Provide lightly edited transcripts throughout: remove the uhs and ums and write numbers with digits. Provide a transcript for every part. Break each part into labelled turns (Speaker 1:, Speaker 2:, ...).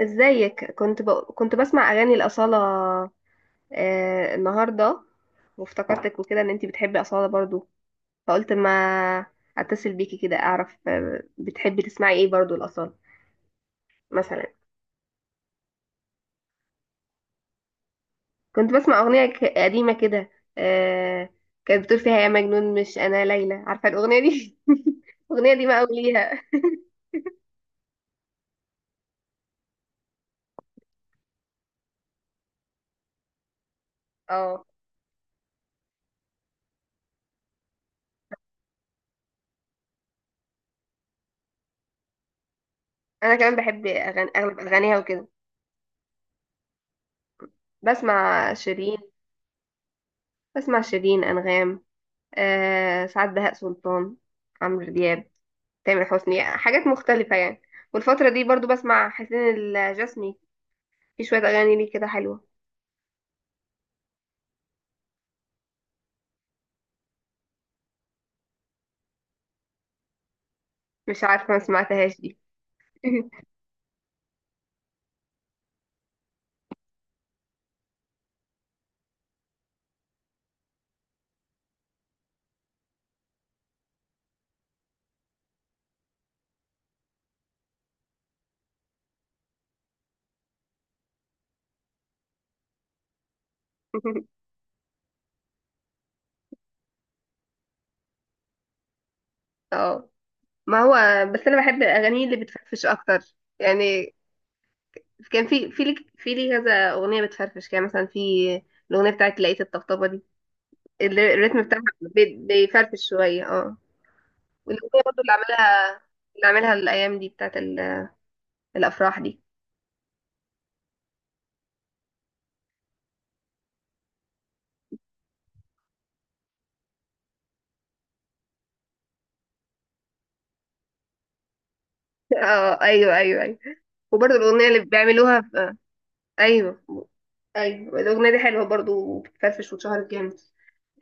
Speaker 1: ازيك؟ كنت بسمع اغاني الاصاله النهارده، وافتكرتك وكده ان انتي بتحبي اصاله برضو، فقلت ما اتصل بيكي كده اعرف بتحبي تسمعي ايه برضو الاصاله مثلا. كنت بسمع اغنيه قديمه كده، آه. كانت بتقول فيها يا مجنون مش انا ليلى، عارفه الاغنيه دي؟ الاغنيه دي بقى وليها. اه انا كمان بحب اغلب اغانيها وكده. بسمع شيرين، بسمع شيرين، انغام، آه سعاد، بهاء سلطان، عمرو دياب، تامر حسني، حاجات مختلفة يعني. والفترة دي برضو بسمع حسين الجسمي، في شوية أغاني ليه كده حلوة. مش عارفة، ما سمعتهاش دي. اه ما هو بس أنا بحب الأغاني اللي بتفرفش أكتر يعني. كان في لي كذا أغنية بتفرفش كده، مثلا في الأغنية بتاعت لقيت الطبطبة دي، الريتم بتاعها بيفرفش شوية، اه. والأغنية برضو اللي عاملها الأيام دي بتاعت الأفراح دي. اه ايوه، ايوه ايوه. وبرضه الاغنيه اللي بيعملوها. ايوه، ايوه الاغنيه دي حلوه برضه وبتفرفش واتشهرت جامد.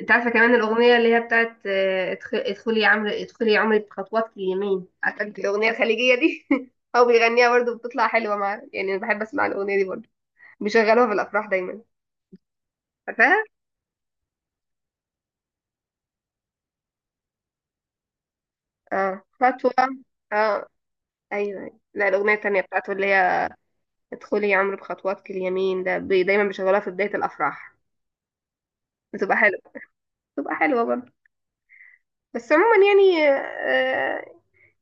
Speaker 1: انت عارفه كمان الاغنيه اللي هي بتاعت ادخلي يا عمرو، ادخلي يا عمرو بخطوات اليمين، عارفه انت الاغنيه الخليجيه دي؟ هو بيغنيها برضه بتطلع حلوه، مع يعني انا بحب اسمع الاغنيه دي برضه، بيشغلوها في الافراح دايما. عارفاها؟ اه خطوه، اه ايوه أيوة. لا الاغنيه التانيه بتاعته اللي هي ادخلي يا عمرو بخطواتك اليمين، ده دايما بيشغلوها في بدايه الافراح، بتبقى حلوه، بتبقى حلوه برضه. بس عموما يعني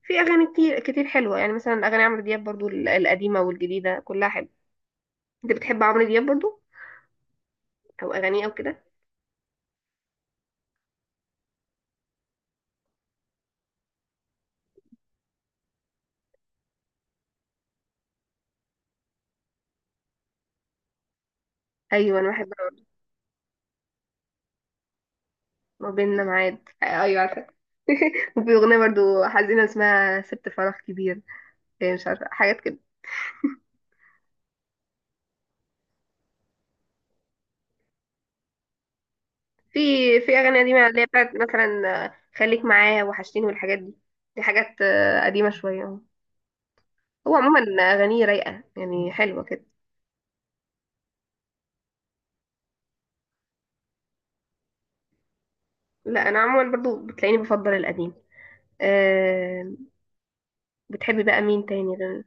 Speaker 1: في اغاني كتير كتير حلوه، يعني مثلا اغاني عمرو دياب برضو القديمه والجديده كلها حلوه. انت بتحب عمرو دياب برضو؟ او اغانيه او كده؟ ايوه انا بحب عمرو. ما بيننا ميعاد، ايوه عارفه. وفي اغنيه برضو حزينه اسمها سبت فراغ كبير، مش عارفه حاجات كده. في في اغاني قديمه اللي هي بتاعت مثلا خليك معايا، وحشتيني، والحاجات دي. دي حاجات قديمه شويه أهو. هو عموما اغانيه رايقه يعني حلوه كده. لا انا عموما برضو بتلاقيني بفضل القديم، آه، بتحبي بقى مين تاني غير؟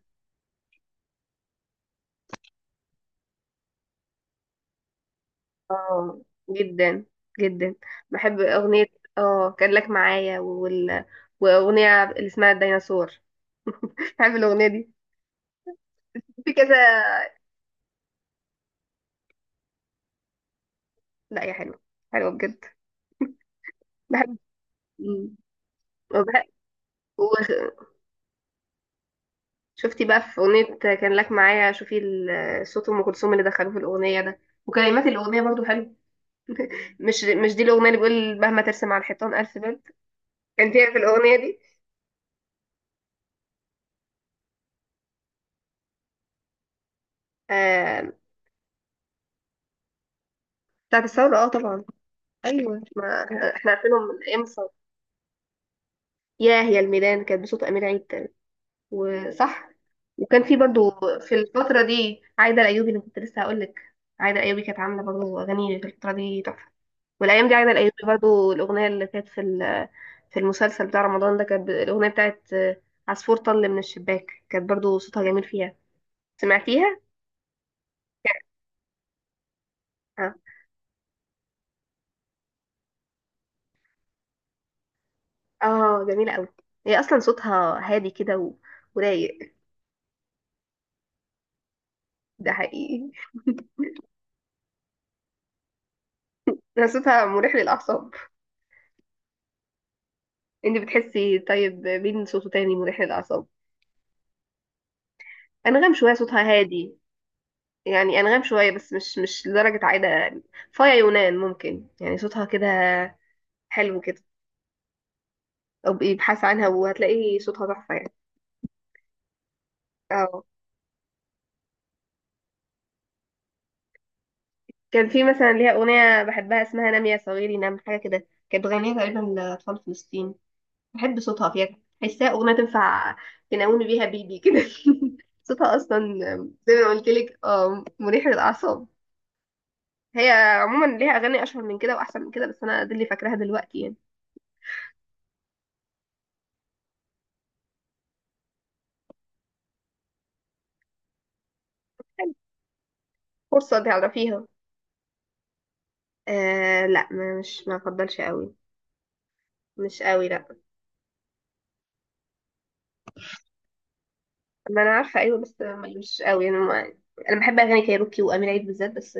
Speaker 1: اه جدا جدا بحب اغنية، اه كان لك معايا. واغنية اللي اسمها الديناصور، بحب الاغنية دي. في كذا، لا يا حلوة، حلوة بجد، بحب. مم. وبحب وغ- شفتي بقى في اغنية كان لك معايا؟ شوفي صوت ام كلثوم اللي دخلوه في الاغنية ده، وكلمات الاغنية برضو حلوة. مش دي الاغنية اللي بيقول مهما ترسم على الحيطان الف بند؟ كان فيها في الاغنية دي آه... بتاعت الثورة، اه طبعا، ايوه ما احنا عارفينهم من ايام الثوره. ياه يا الميدان كانت بصوت امير عيد تاني، وصح. وكان في برضو في الفتره دي عايده الايوبي، اللي كنت لسه هقول لك، عايده الايوبي كانت عامله برضو اغاني في الفتره دي تحفه. والايام دي عايده الايوبي برضو الاغنيه اللي كانت في في المسلسل بتاع رمضان ده، كانت الاغنيه بتاعت عصفور طل من الشباك، كانت برضو صوتها جميل فيها. سمعتيها؟ اه، آه، جميله قوي. هي اصلا صوتها هادي كده ورايق، ده حقيقي. صوتها مريح للاعصاب. انت بتحسي طيب مين صوته تاني مريح للاعصاب؟ انغام شويه صوتها هادي، يعني انغام شويه بس مش لدرجه عايده يعني. فايا يونان ممكن يعني صوتها كده حلو كده، او بقي ابحث عنها وهتلاقي صوتها تحفه يعني. اه كان في مثلا ليها اغنيه بحبها اسمها نام يا صغيري نام، حاجه كده، كانت بتغنيها تقريبا لاطفال فلسطين. بحب صوتها فيها، تحسها اغنيه تنفع تنومي بيها بيبي كده. صوتها اصلا زي ما قلت لك اه مريح للاعصاب. هي عموما ليها اغاني اشهر من كده واحسن من كده، بس انا دي اللي فاكراها دلوقتي يعني. حلو. فرصه تعرفيها. آه لا ما مش ما افضلش قوي. مش قوي لا. ما انا عارفه، ايوه، بس مش قوي انا ما، انا بحب اغاني كايروكي وامير عيد بالذات بس.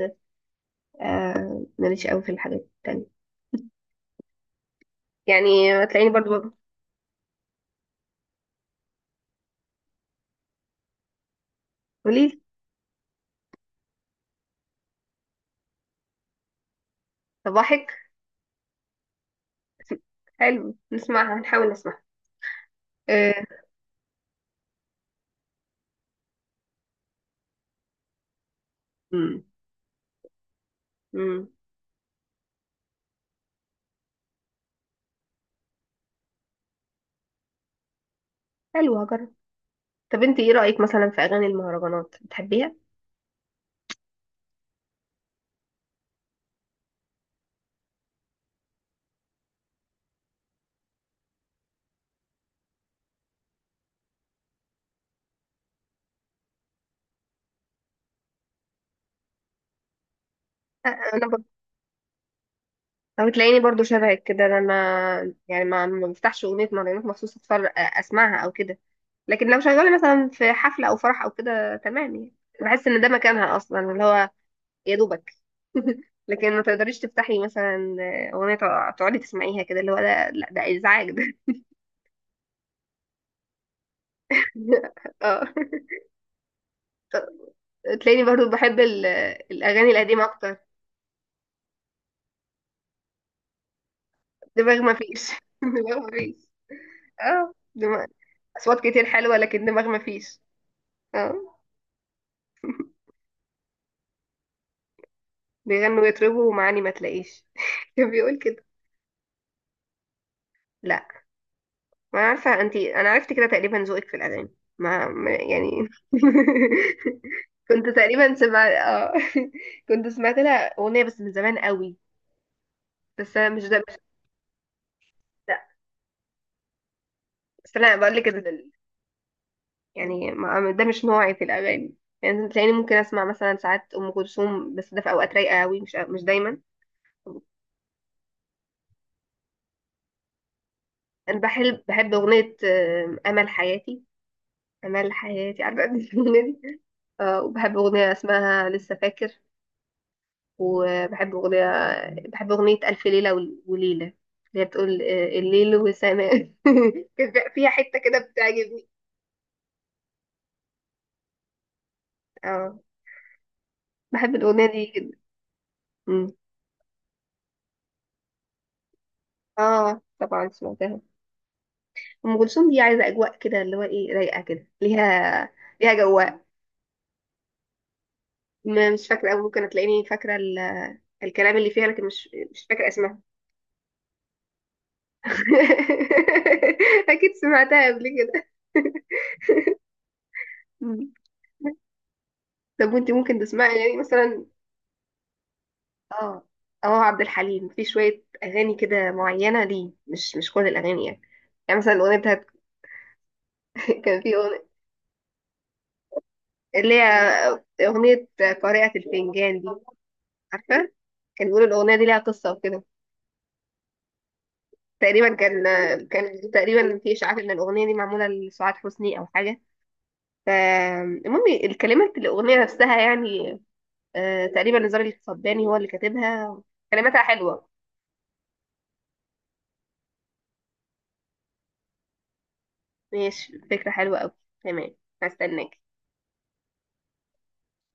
Speaker 1: آه ماليش قوي في الحاجات التانية يعني. تلاقيني برضو، قوليلي. صباحك، حلو نسمعها، نحاول نسمعها، آه. امم، امم، حلو هجرب. طب انت ايه رايك مثلا في اغاني المهرجانات؟ بتحبيها؟ انا او تلاقيني برضو شبهك كده، انا ما يعني ما بفتحش اغنيه مهرجانات مخصوص اتفرج اسمعها او كده، لكن لو شغاله مثلا في حفله او فرح او كده تمام يعني، بحس ان ده مكانها اصلا اللي هو يا دوبك. لكن ما تقدريش تفتحي مثلا اغنيه تقعدي تسمعيها كده، اللي هو ده لا، ده ازعاج ده. اه تلاقيني برضو بحب الاغاني القديمه اكتر. دماغ ما فيش، دماغ ما فيش، اه دماغ، اصوات كتير حلوه لكن دماغ ما فيش، اه بيغنوا ويطربوا ومعاني ما تلاقيش. كان بيقول كده. لا ما أنا عارفه انت، انا عرفت كده تقريبا ذوقك في الاغاني. ما يعني. كنت تقريبا سمعت اه، كنت سمعت لها اغنيه بس من زمان قوي، بس انا مش ده مش، لا بس انا بقول لك. يعني ده مش نوعي في الاغاني يعني. تلاقيني ممكن اسمع مثلا ساعات ام كلثوم، بس ده في اوقات رايقه قوي، مش دايما. انا بحب اغنيه امل حياتي. امل حياتي، عارفه الأغنية دي؟ وبحب أغنية اسمها لسه فاكر. وبحب أغنية بحب أغنية ألف ليلة ول- وليلة اللي هي بتقول الليل وسماء، كان فيها حتة كده بتعجبني. اه بحب الأغنية دي جدا. مم. اه طبعا سمعتها. أم كلثوم دي عايزة أجواء كده، اللي هو إيه، رايقة كده ليها، ليها جواء. مش فاكرة أوي، ممكن هتلاقيني فاكرة الكلام اللي فيها، لكن مش فاكرة اسمها. أكيد سمعتها قبل كده. مم. طب وانت ممكن تسمعي يعني مثلا؟ اه اه عبد الحليم في شوية أغاني كده معينة ليه، مش كل الأغاني يعني. يعني مثلا الأغنية بتاعت، كان في أغنية اللي هي أغنية قارئة الفنجان دي، عارفة؟ كان بيقولوا الأغنية دي ليها قصة وكده، تقريبا كان كان تقريبا في إشاعات إن الأغنية دي معمولة لسعاد حسني أو حاجة. فالمهم الكلمات الأغنية نفسها يعني، تقريبا نزار القباني هو اللي كاتبها، كلماتها حلوة. ماشي، فكرة حلوة أوي، تمام، هستناك.